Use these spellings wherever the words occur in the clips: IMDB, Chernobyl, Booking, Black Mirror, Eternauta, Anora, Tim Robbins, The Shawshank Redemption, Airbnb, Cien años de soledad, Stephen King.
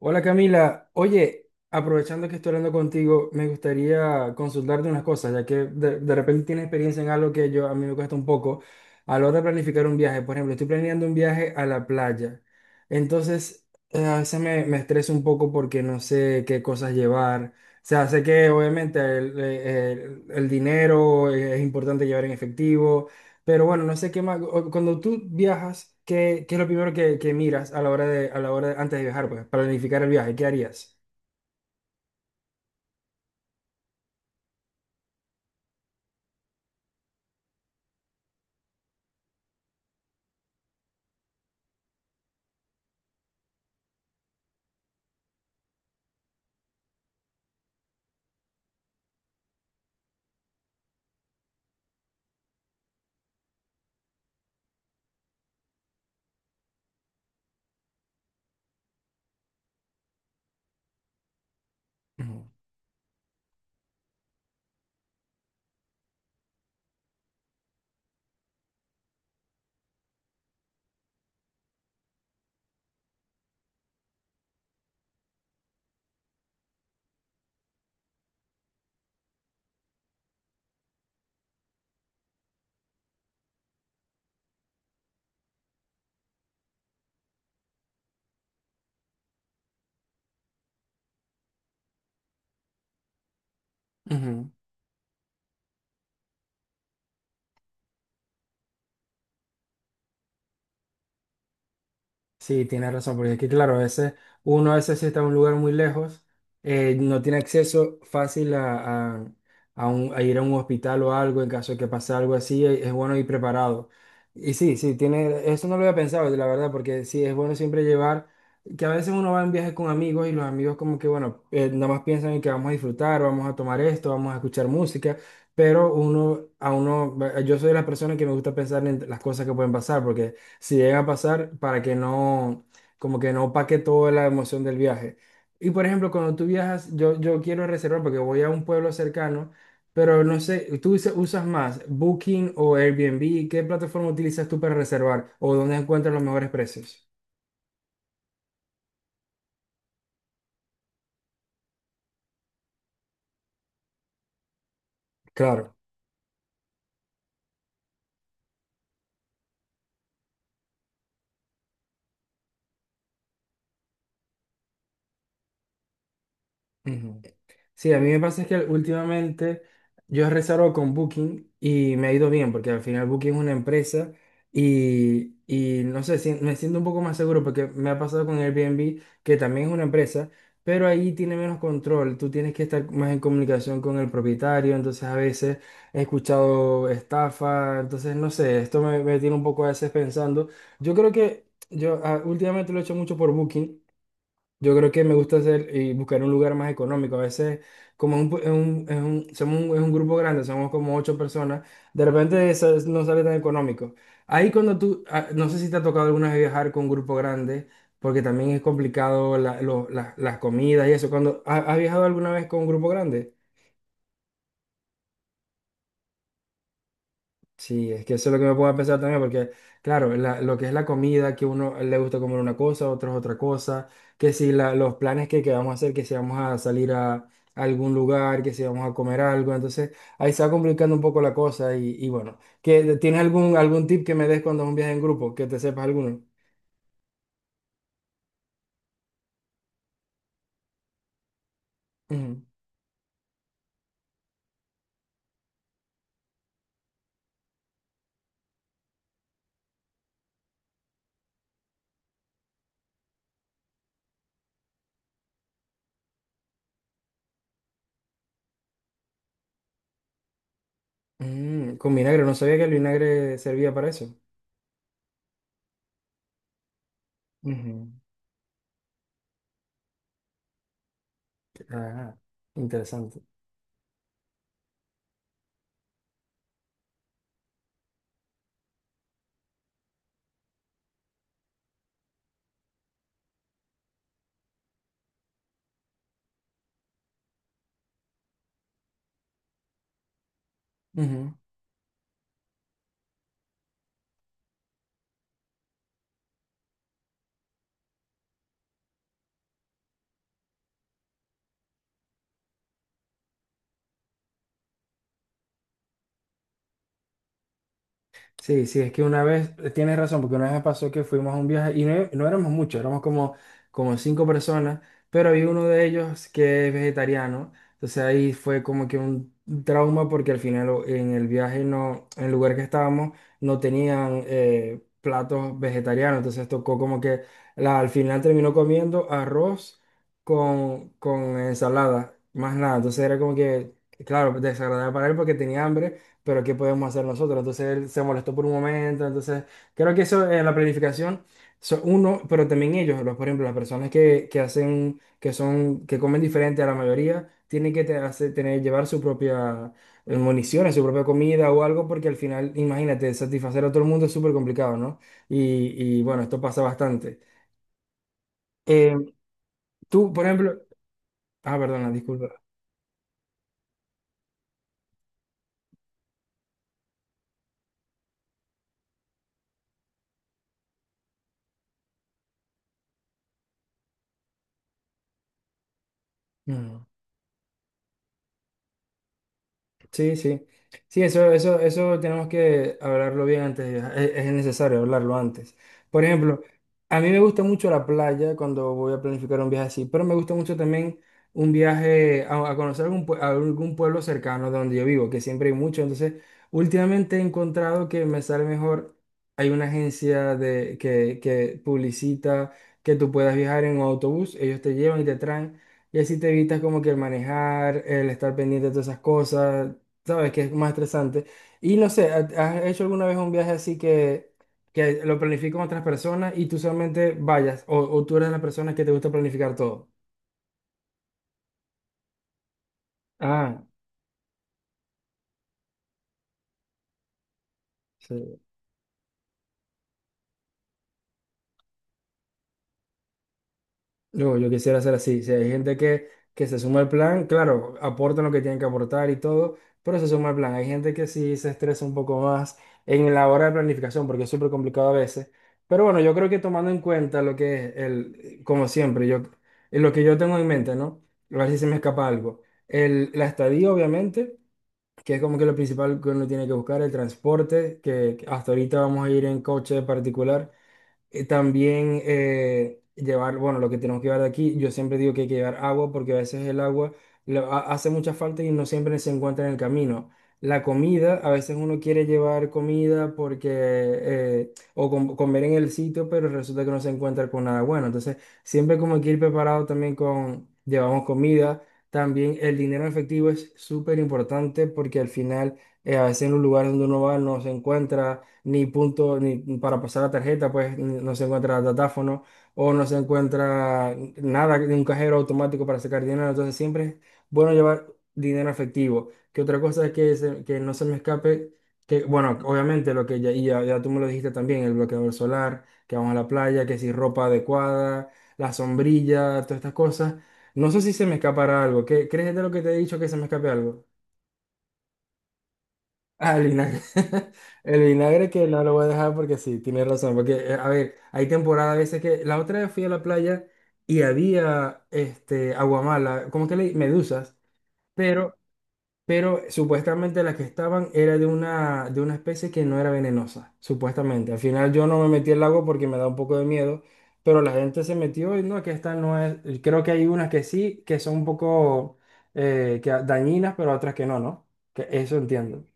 Hola Camila, oye, aprovechando que estoy hablando contigo, me gustaría consultarte unas cosas, ya que de repente tienes experiencia en algo que yo a mí me cuesta un poco a la hora de planificar un viaje. Por ejemplo, estoy planeando un viaje a la playa, entonces a veces me estreso un poco porque no sé qué cosas llevar. O sea, sé que obviamente el dinero es importante llevar en efectivo, pero bueno, no sé qué más. Cuando tú viajas, qué es lo primero que miras a la hora de antes de viajar, pues, para planificar el viaje? ¿Qué harías? Ujú, ujú. Sí, tienes razón, porque es que claro, a veces uno a veces sí está en un lugar muy lejos, no tiene acceso fácil a a ir a un hospital o algo en caso de que pase algo así, es bueno ir preparado. Y sí, sí, tiene, eso no lo había pensado, la verdad, porque sí, es bueno siempre llevar, que a veces uno va en viaje con amigos y los amigos como que, bueno, nada más piensan en que vamos a disfrutar, vamos a tomar esto, vamos a escuchar música, pero uno, a uno, yo soy de las personas que me gusta pensar en las cosas que pueden pasar, porque si llega a pasar para que no, como que no paque toda la emoción del viaje. Y por ejemplo, cuando tú viajas, yo quiero reservar porque voy a un pueblo cercano, pero no sé, ¿tú usas más Booking o Airbnb? ¿Qué plataforma utilizas tú para reservar o dónde encuentras los mejores precios? Claro. Ujú. Sí, a mí me pasa es que últimamente yo he reservado con Booking y me ha ido bien, porque al final Booking es una empresa y no sé, me siento un poco más seguro porque me ha pasado con Airbnb, que también es una empresa, pero ahí tiene menos control, tú tienes que estar más en comunicación con el propietario, entonces a veces he escuchado estafa, entonces no sé, esto me tiene un poco a veces pensando. Yo creo que yo últimamente lo he hecho mucho por Booking. Yo creo que me gusta hacer y buscar un lugar más económico. A veces, como es un, pu- es un- somos un, es un grupo grande, somos como 8 personas, de repente eso no sale tan económico. Ahí cuando tú, no sé si te ha tocado alguna vez viajar con un grupo grande, porque también es complicado las comidas y eso. Cuando, has viajado alguna vez con un grupo grande? Sí, es que eso es lo que me pongo a pensar también, porque claro, lo que es la comida, que uno le gusta comer una cosa, otros otra cosa, que si los planes que vamos a hacer, que si vamos a salir a, algún lugar, que si vamos a comer algo, entonces ahí se va complicando un poco la cosa y bueno, ¿que tienes algún tip que me des cuando es un viaje en grupo, que te sepas alguno? Ujú. Mm, con vinagre, no sabía que el vinagre servía para eso. Ujú. Ah, interesante. Sí, sí, es que una vez, tienes razón, porque una vez me pasó que fuimos a un viaje y no, e, no éramos muchos, éramos como, como 5 personas, pero había uno de ellos que es vegetariano, entonces ahí fue como que un trauma porque al final en el viaje no, en el lugar que estábamos no tenían platos vegetarianos, entonces tocó como que al final terminó comiendo arroz con ensalada, más nada, entonces era como que, claro, desagradable para él porque tenía hambre pero ¿qué podemos hacer nosotros? Entonces él se molestó por un momento, entonces creo que eso en la planificación, uno, pero también ellos, los, por ejemplo, las personas que hacen, que comen diferente a la mayoría, tienen que tener, llevar su propia municiones, su propia comida o algo, porque al final, imagínate, satisfacer a todo el mundo es súper complicado, ¿no? Bueno, esto pasa bastante. Eh, tú, por ejemplo, ah, perdona, disculpa. No, no. Sí, sí. Sí, eso tenemos que hablarlo bien antes, es necesario hablarlo antes. Por ejemplo, a mí me gusta mucho la playa cuando voy a planificar un viaje así, pero me gusta mucho también un viaje a conocer algún, a algún pueblo cercano de donde yo vivo, que siempre hay mucho. Entonces, últimamente he encontrado que me sale mejor, hay una agencia que publicita que tú puedas viajar en un autobús, ellos te llevan y te traen. Y así te evitas como que el manejar, el estar pendiente de todas esas cosas. ¿Sabes? Que es más estresante. Y no sé, has hecho alguna vez un viaje así que lo planifico con otras personas y tú solamente vayas? O tú eres la persona que te gusta planificar todo. Ah, sí. Yo quisiera hacer así. Si hay gente que se suma al plan, claro, aportan lo que tienen que aportar y todo, pero se suma al plan. Hay gente que sí se estresa un poco más en la hora de planificación, porque es súper complicado a veces. Pero bueno, yo creo que tomando en cuenta lo que es el, como siempre, yo, lo que yo tengo en mente, ¿no? A ver si se me escapa algo. El, la estadía, obviamente, que es como que lo principal que uno tiene que buscar, el transporte, que hasta ahorita vamos a ir en coche particular. También llevar, bueno, lo que tenemos que llevar de aquí, yo siempre digo que hay que llevar agua porque a veces el agua hace mucha falta y no siempre se encuentra en el camino. La comida, a veces uno quiere llevar comida porque, comer en el sitio, pero resulta que no se encuentra con nada bueno. Entonces, siempre como hay que ir preparado también con, llevamos comida. También el dinero en efectivo es súper importante porque al final, a veces en los lugares donde uno va no se encuentra ni punto, ni para pasar la tarjeta, pues no se encuentra datáfono o no se encuentra nada de un cajero automático para sacar dinero. Entonces siempre es bueno llevar dinero efectivo. Que otra cosa es que no se me escape, que bueno, obviamente lo que ya, ya tú me lo dijiste también, el bloqueador solar, que vamos a la playa, que si ropa adecuada, la sombrilla, todas estas cosas. No sé si se me escapará algo. ¿Qué, crees de lo que te he dicho que se me escape algo? Ah, el vinagre. El vinagre que no lo voy a dejar porque sí, tienes razón. Porque, a ver, hay temporadas a veces que. La otra vez fui a la playa y había este, aguamala, ¿cómo que le? Medusas. Pero, pero supuestamente las que estaban era de una especie que no era venenosa, supuestamente. Al final yo no me metí al agua porque me da un poco de miedo, pero la gente se metió y no, que esta no es. Creo que hay unas que sí, que son un poco dañinas, pero otras que no, ¿no? Que eso entiendo.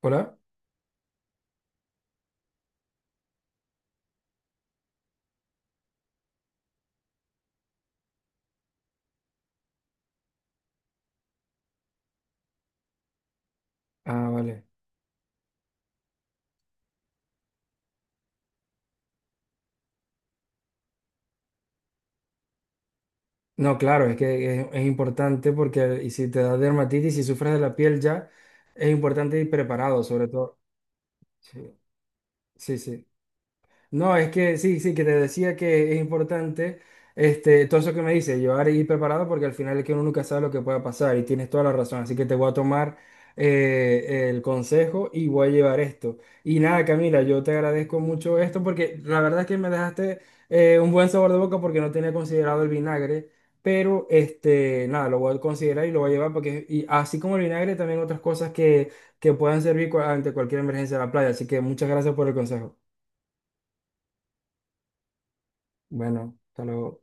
¿Hola? Ah, vale. No, claro, es que es importante porque y si te da dermatitis y sufres de la piel ya, es importante ir preparado, sobre todo. Sí, sí, sí. No, es que sí, sí, que te decía que es importante este, todo eso que me dice, llevar y ir preparado porque al final es que uno nunca sabe lo que pueda pasar y tienes toda la razón. Así que te voy a tomar el consejo y voy a llevar esto. Y nada, Camila, yo te agradezco mucho esto porque la verdad es que me dejaste un buen sabor de boca porque no tenía considerado el vinagre, pero este, nada, lo voy a considerar y lo voy a llevar porque y así como el vinagre, también otras cosas que puedan servir ante cualquier emergencia de la playa. Así que muchas gracias por el consejo. Bueno, hasta luego.